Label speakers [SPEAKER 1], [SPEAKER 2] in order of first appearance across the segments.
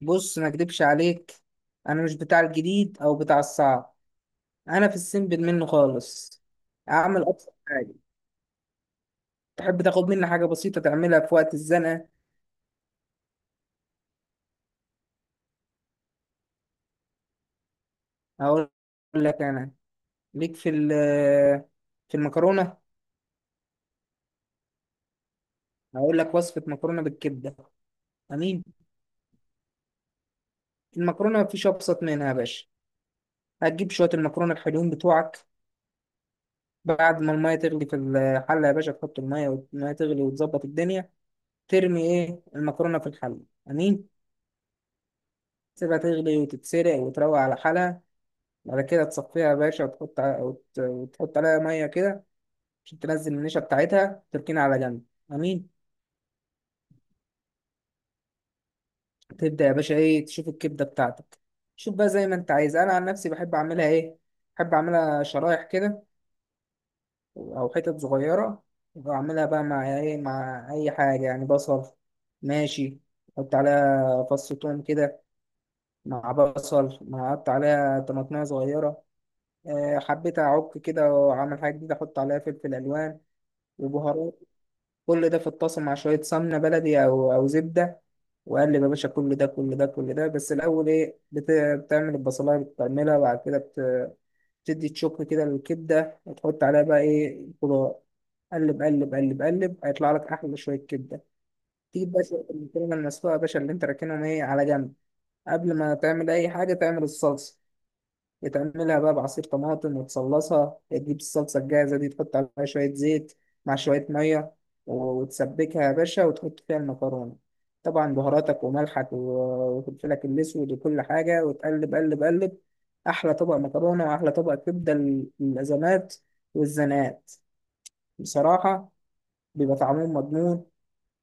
[SPEAKER 1] بص، ما اكدبش عليك. انا مش بتاع الجديد او بتاع الصعب. انا في السيمبل منه خالص. اعمل ابسط حاجه. تحب تاخد مني حاجه بسيطه تعملها في وقت الزنقه؟ اقول لك انا ليك في المكرونه. هقول لك وصفه مكرونه بالكبده. امين. المكرونه مفيش ابسط منها يا باشا. هتجيب شويه المكرونه الحلوين بتوعك. بعد ما الميه تغلي في الحله يا باشا، تحط الميه والميه تغلي وتظبط الدنيا. ترمي ايه المكرونه في الحله. امين. تسيبها تغلي وتتسلق وتروق على حالها. بعد كده تصفيها يا باشا وتحط عليها مية كده عشان تنزل النشا بتاعتها، تركينها على جنب. أمين. تبدأ يا باشا إيه تشوف الكبدة بتاعتك. شوف بقى زي ما أنت عايز، أنا عن نفسي بحب أعملها إيه، بحب أعملها شرايح كده أو حتت صغيرة. وأعملها بقى مع إيه، مع أي حاجة يعني بصل. ماشي. أحط عليها فص توم كده، مع بصل، مع أحط عليها طماطمية صغيرة. آه، حبيت أعك كده وأعمل حاجة جديدة، أحط عليها فلفل ألوان وبهارات. كل ده في الطاسة مع شوية سمنة بلدي أو زبدة. وأقلب يا باشا كل ده كل ده كل ده، بس الأول إيه بتعمل البصلاية، بتعملها وبعد كده بتدي تشك كده للكبدة وتحط عليها بقى إيه الخضار. قلب قلب قلب قلب هيطلع لك أحلى شوية كبدة. تجيب بقى شوية المكرونة المسلوقة يا باشا اللي أنت راكنهم إيه على جنب. قبل ما تعمل أي حاجة تعمل الصلصة. بتعملها بقى بعصير طماطم وتصلصها، تجيب الصلصة الجاهزة دي تحط عليها شوية زيت مع شوية مية وتسبكها يا باشا وتحط فيها المكرونة. طبعا بهاراتك وملحك وفلفلك الأسود وكل حاجة وتقلب قلب قلب. أحلى طبق مكرونة وأحلى طبق كبدة للأزمات والزنات بصراحة. بيبقى طعمهم مضمون.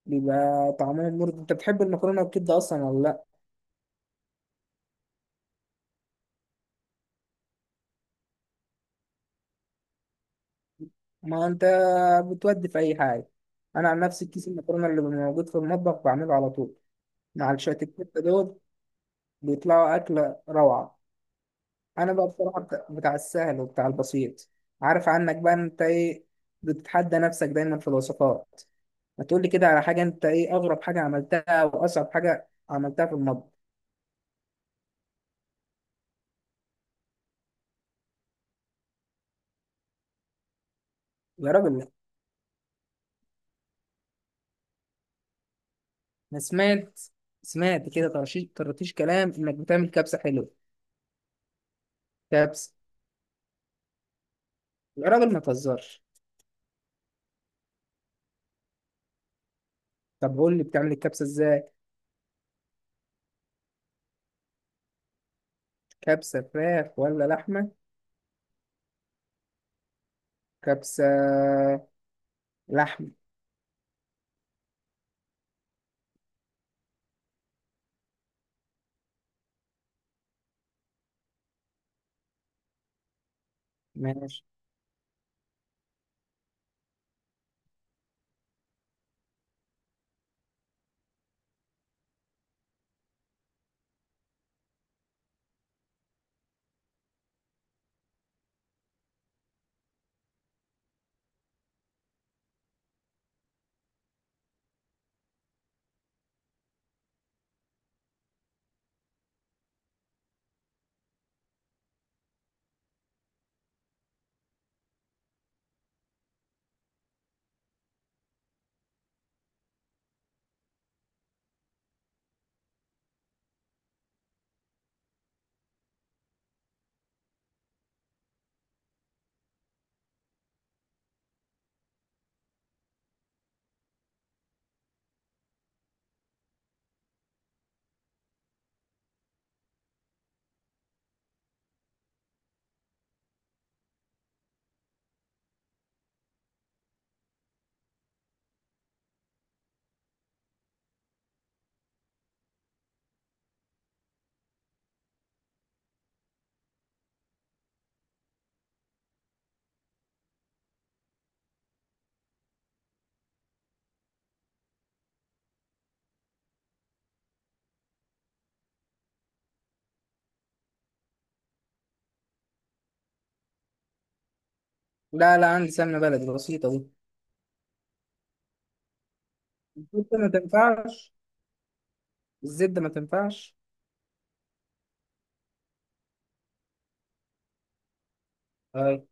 [SPEAKER 1] بيبقى طعمهم مرضي. أنت بتحب المكرونة والكبدة أصلا ولا لأ؟ ما انت بتودي في اي حاجه. انا عن نفسي كيس المكرونه اللي موجود في المطبخ بعمله على طول مع الشات الكوتة دول، بيطلعوا اكله روعه. انا بقى بصراحه بتاع السهل وبتاع البسيط. عارف عنك بقى انت ايه، بتتحدى نفسك دايما في الوصفات. ما تقولي كده على حاجه، انت ايه اغرب حاجه عملتها واصعب حاجه عملتها في المطبخ؟ يا راجل لا، انا سمعت كده طرطيش طرطيش كلام انك بتعمل كبسه حلوه. كبسه؟ يا راجل ما تهزرش. طب قول لي بتعمل الكبسه ازاي. كبسة فراخ ولا لحمة؟ كبسة لحمة. ماشي. لا لا، عندي سمنة بلدي بسيطة دي. الزبدة ما تنفعش. الزبدة ما تنفعش. أي.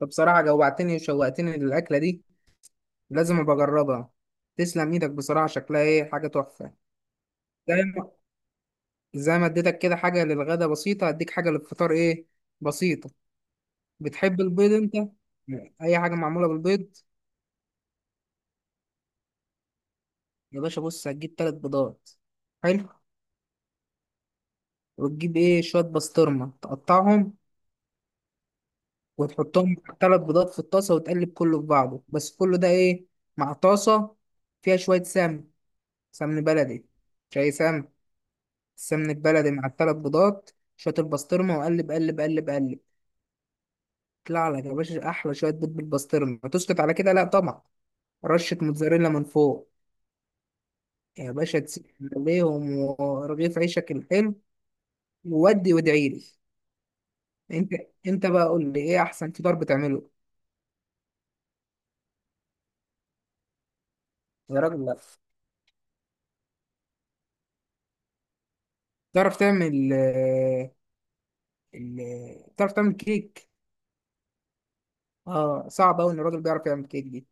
[SPEAKER 1] فبصراحة جوعتني وشوقتني للأكلة دي، لازم أبقى أجربها. تسلم إيدك بصراحة، شكلها إيه حاجة تحفة. زي ما زي ما اديتك كده حاجة للغدا بسيطة، هديك حاجة للفطار إيه بسيطة. بتحب البيض أنت؟ أي حاجة معمولة بالبيض. يا باشا بص هتجيب تلات بيضات. حلو. وتجيب ايه شوية بسطرمة تقطعهم وتحطهم مع تلات بيضات في الطاسة وتقلب كله في بعضه، بس كله ده ايه مع طاسة فيها شوية سمن، سمن بلدي، مش أي سمن. السمن البلدي مع التلات بيضات، شوية البسطرمة وقلب قلب قلب قلب. يطلع لك يا باشا أحلى شوية بيض بالبسطرمة. هتسكت على كده؟ لأ طبعا. رشة موتزاريلا من فوق يا باشا، تسيب عليهم ورغيف عيشك الحلو وودي وادعيلي. انت انت بقى قول لي ايه احسن فطار بتعمله. يا راجل لا، تعرف تعمل كيك؟ اه صعب أوي إن الراجل بيعرف يعمل كيك دي.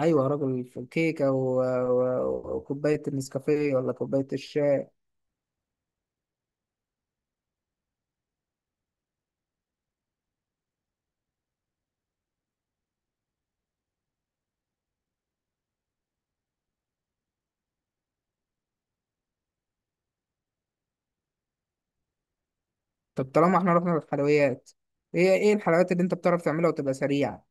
[SPEAKER 1] أيوة يا راجل، في الكيكة وكوباية النسكافيه ولا كوباية الشاي. طب طالما احنا رحنا للحلويات، ايه الحلويات اللي انت بتعرف تعملها وتبقى سريعة؟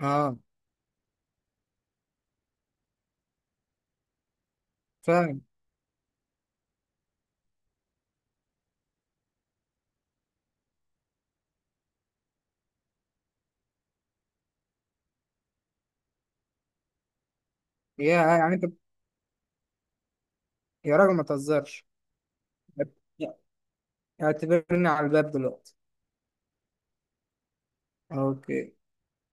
[SPEAKER 1] اه، فاهم. يعني انت. يا راجل ما تهزرش، اعتبرني على الباب دلوقتي. اوكي.